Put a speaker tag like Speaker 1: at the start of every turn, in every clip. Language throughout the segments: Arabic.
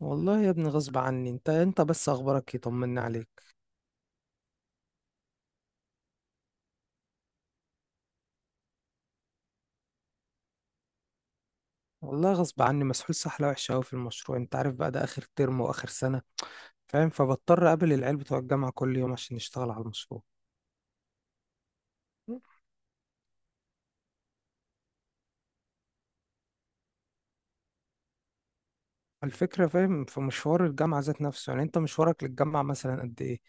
Speaker 1: والله يا ابني غصب عني. انت بس اخبارك ايه؟ طمنا عليك. والله غصب عني، مسحول سحله وحشه قوي في المشروع. انت عارف بقى ده اخر ترم واخر سنه، فاهم؟ فبضطر اقابل العيال بتوع الجامعه كل يوم عشان نشتغل على المشروع. الفكره فاهم في مشوار الجامعه ذات نفسه. يعني انت مشوارك للجامعه مثلا قد ايه؟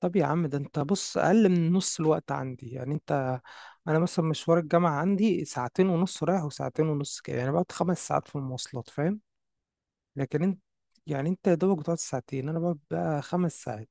Speaker 1: طب يا عم ده انت بص اقل من نص الوقت عندي، يعني انت. انا مثلا مشوار الجامعه عندي ساعتين ونص رايح وساعتين ونص، كده يعني بقعد 5 ساعات في المواصلات، فاهم؟ لكن انت، يعني انت يا دوبك بتقعد ساعتين، انا بقعد بقى 5 ساعات.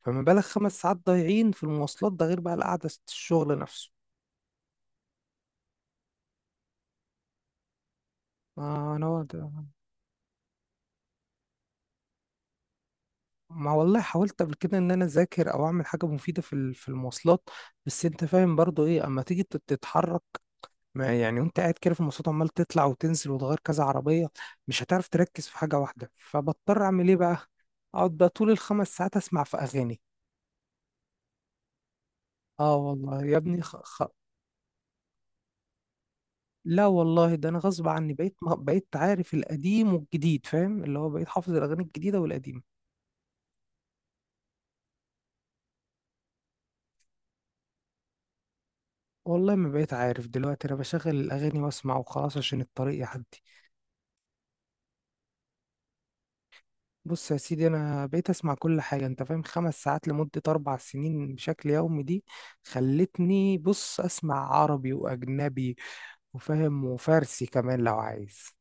Speaker 1: فما بالك 5 ساعات ضايعين في المواصلات، ده غير بقى القعدة في الشغل نفسه. ما انا ده. ما والله حاولت قبل كده ان انا اذاكر او اعمل حاجه مفيده في المواصلات. بس انت فاهم برضو ايه اما تيجي تتحرك. ما يعني وانت قاعد كده في المواصلات، عمال تطلع وتنزل وتغير كذا عربيه. مش هتعرف تركز في حاجه واحده، فبضطر اعمل ايه بقى؟ اقعد بقى طول الخمس ساعات اسمع في اغاني. اه والله يا ابني. لا والله، ده انا غصب عني. بقيت عارف القديم والجديد، فاهم؟ اللي هو بقيت حافظ الاغاني الجديده والقديمه. والله ما بقيت عارف دلوقتي، انا بشغل الاغاني واسمع وخلاص عشان الطريق يعدي. بص يا سيدي، انا بقيت اسمع كل حاجه. انت فاهم 5 ساعات لمده 4 سنين بشكل يومي، دي خلتني بص اسمع عربي واجنبي وفاهم وفارسي كمان لو عايز.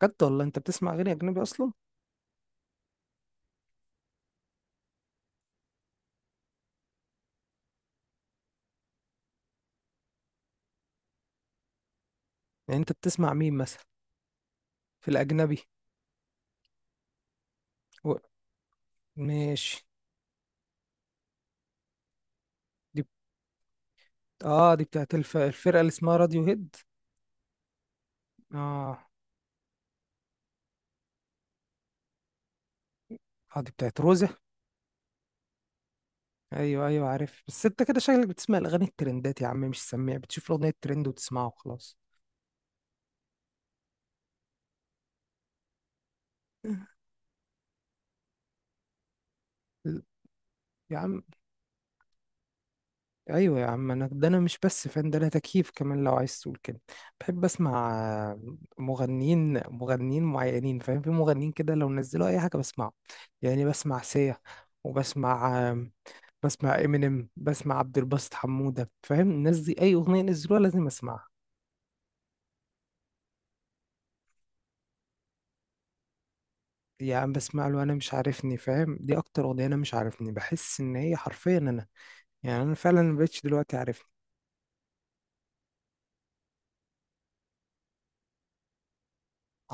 Speaker 1: بجد والله انت بتسمع اغاني اجنبي اصلا؟ يعني انت بتسمع مين مثلا في الاجنبي؟ و... ماشي. دي بت... اه، دي بتاعت الفرقه اللي اسمها راديو هيد. اه. اه، دي بتاعت روزة. ايوه ايوه عارف، بس انت كده شكلك بتسمع الاغاني الترندات يا عم، مش سميع. بتشوف الاغنيه ترند وتسمعها وخلاص. ل- يا عم. ايوه يا عم، انا ده انا مش بس فان، ده انا تكييف كمان لو عايز تقول كده. بحب اسمع مغنيين معينين، فاهم؟ في مغنيين كده لو نزلوا اي حاجه بسمعه. يعني بسمع سيا، وبسمع امينيم، بسمع عبد الباسط حموده، فاهم؟ الناس دي اي اغنيه نزلوها لازم اسمعها. يا عم بسمع له انا مش عارفني، فاهم؟ دي اكتر اغنيه، انا مش عارفني بحس ان هي حرفيا انا. يعني انا فعلا مبقتش دلوقتي عارفني.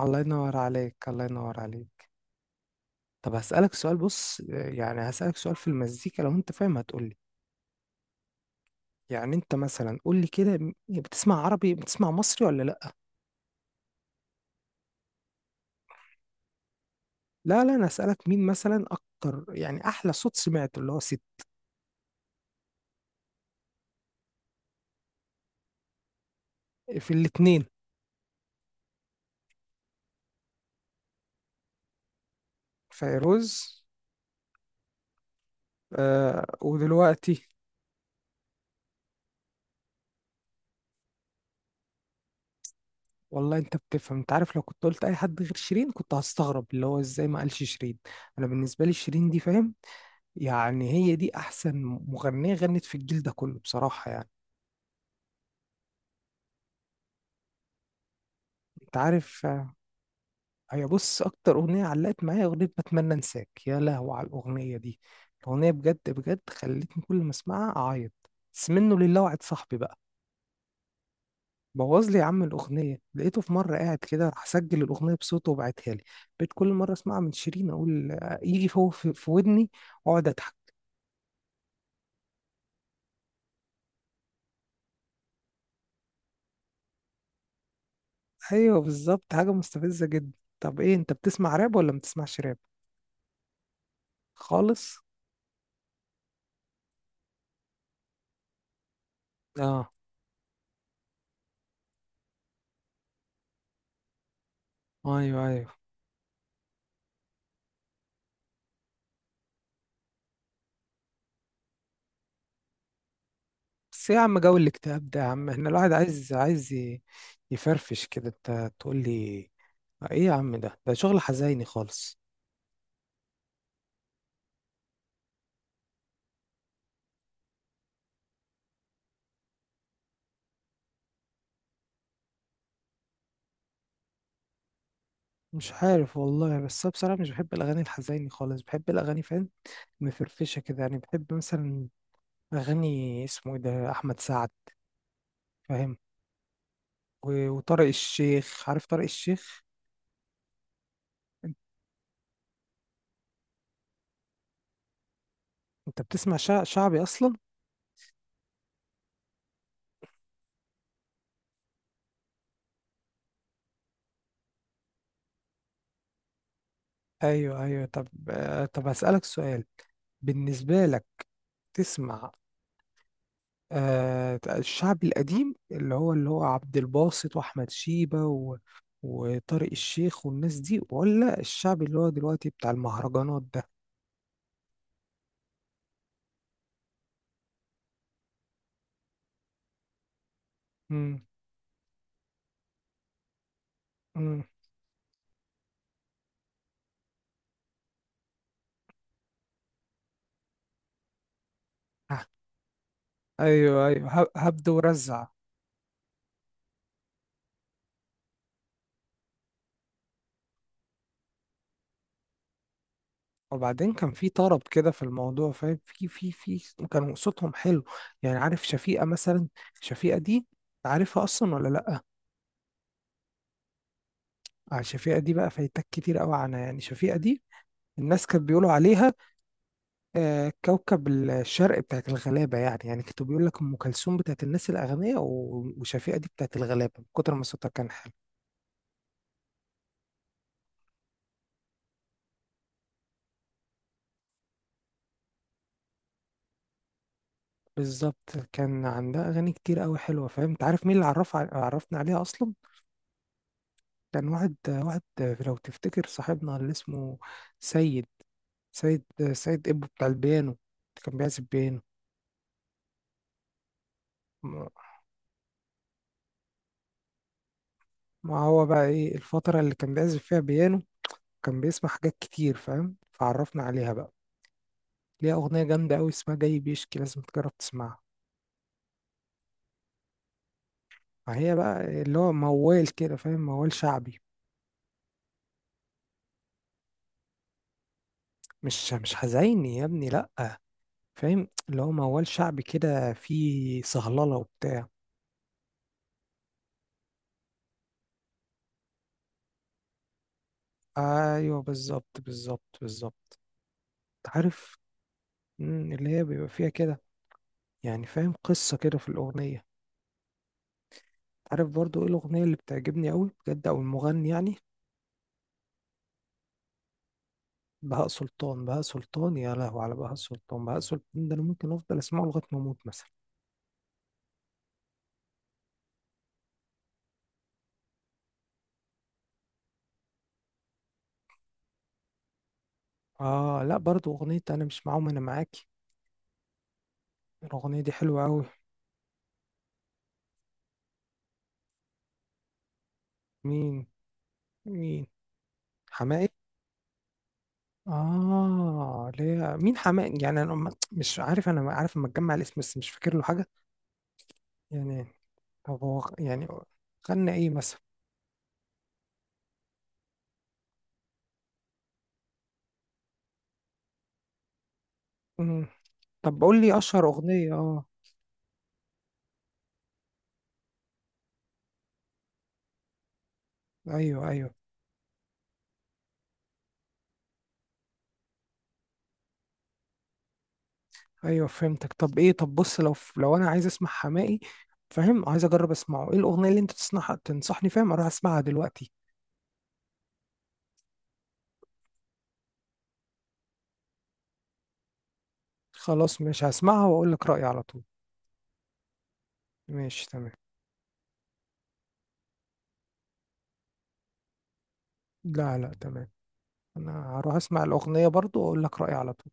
Speaker 1: الله ينور عليك الله ينور عليك. طب هسألك سؤال، بص يعني هسألك سؤال في المزيكا لو انت فاهم هتقولي. يعني انت مثلا قولي كده بتسمع عربي، بتسمع مصري ولا لا؟ لا لا، انا هسألك مين مثلا اكتر، يعني احلى صوت سمعته اللي هو ست؟ في الاتنين. فيروز. آه ودلوقتي؟ والله انت بتفهم. انت عارف لو كنت قلت اي حد غير شيرين كنت هستغرب اللي هو ازاي ما قالش شيرين. انا بالنسبة لي شيرين دي، فاهم؟ يعني هي دي احسن مغنيه غنت في الجيل ده كله بصراحه يعني. انت عارف آه، هي بص اكتر اغنيه علقت معايا اغنيه بتمنى انساك. يا لهوي على الاغنيه دي، الاغنيه بجد بجد خلتني كل ما اسمعها اعيط. بس منه لله وعد صاحبي بقى، بوظ لي يا عم الاغنيه. لقيته في مره قاعد كده راح سجل الاغنيه بصوته وبعتها لي. بقيت كل مره اسمعها من شيرين اقول آه، يجي فوق في ودني، واقعد اضحك. ايوه بالظبط، حاجه مستفزه جدا. طب ايه، انت بتسمع راب ولا ما بتسمعش راب خالص؟ اه. ايوه ايوه. بس إيه يا عم جو الاكتئاب ده، يا عم احنا الواحد عايز يفرفش كده. انت تقول لي ايه يا عم، ده شغل حزيني خالص؟ مش عارف والله، بس أنا بصراحة مش بحب الأغاني الحزيني خالص، بحب الأغاني، فاهم؟ مفرفشة كده. يعني بحب مثلا أغاني اسمه ايه ده أحمد سعد، فاهم؟ وطارق الشيخ، عارف طارق الشيخ؟ انت أنت بتسمع شعبي أصلا؟ أيوه أيوه، طب آه، طب هسألك سؤال بالنسبة لك. تسمع آه، الشعب القديم اللي هو عبد الباسط واحمد شيبة وطارق الشيخ والناس دي، ولا الشعب اللي هو دلوقتي بتاع المهرجانات ده؟ مم. مم. آه، ايوه ايوه، هبد ورزع. وبعدين كان في طرب كده في الموضوع، فاهم؟ في في في كانوا صوتهم حلو. يعني عارف شفيقة مثلا، شفيقة دي عارفها اصلا ولا لا؟ آه، شفيقة دي بقى فايتك كتير قوي عنها. يعني شفيقة دي الناس كانت بيقولوا عليها آه، كوكب الشرق بتاعت الغلابة. يعني يعني كانوا بيقول لك أم كلثوم بتاعت الناس الأغنياء وشفيقة دي بتاعت الغلابة من كتر ما صوتها كان حلو. بالظبط، كان عندها أغاني كتير أوي حلوة، فاهم؟ أنت عارف مين اللي عرفنا عليها أصلا؟ كان واحد لو تفتكر صاحبنا اللي اسمه سيد سيد سيد إبو بتاع البيانو، كان بيعزف بيانو. ما هو بقى إيه الفترة اللي كان بيعزف فيها بيانو، كان بيسمع حاجات كتير، فاهم؟ فعرفنا عليها بقى. ليها أغنية جامدة أوي اسمها جاي بيشكي، لازم تجرب تسمعها. فهي بقى اللي هو موال كده، فاهم؟ موال شعبي. مش حزيني يا ابني، لأ. فاهم اللي هو موال شعبي كده فيه صهللة وبتاع. أيوه بالظبط بالظبط بالظبط. أنت عارف اللي هي بيبقى فيها كده. يعني فاهم قصة كده في الأغنية. أنت عارف برضو إيه الأغنية اللي بتعجبني أوي بجد أو المغني يعني؟ بهاء سلطان بهاء سلطان. يا لهو على بهاء سلطان، بهاء سلطان ده أنا ممكن أفضل أسمعه لغاية ما أموت مثلا. اه لا، برضو اغنية انا مش معاهم انا معاكي، الاغنية دي حلوة اوي. مين مين حماقي؟ اه ليه، مين حماقي يعني؟ انا مش عارف، انا عارف اما اتجمع الاسم بس مش فاكر له حاجة. يعني طب هو يعني غنى ايه مثلا؟ مم. طب قول لي اشهر اغنية اه. ايوه ايوه ايوه فهمتك. طب ايه، طب بص لو انا عايز اسمع حماقي، فاهم؟ عايز اجرب اسمعه. ايه الاغنية اللي انت تسمعها تنصحني فاهم اروح اسمعها دلوقتي؟ خلاص، مش هسمعها واقول لك رأيي على طول. ماشي تمام. لا لا تمام. انا هروح اسمع الاغنيه برضو واقول لك رايي على طول.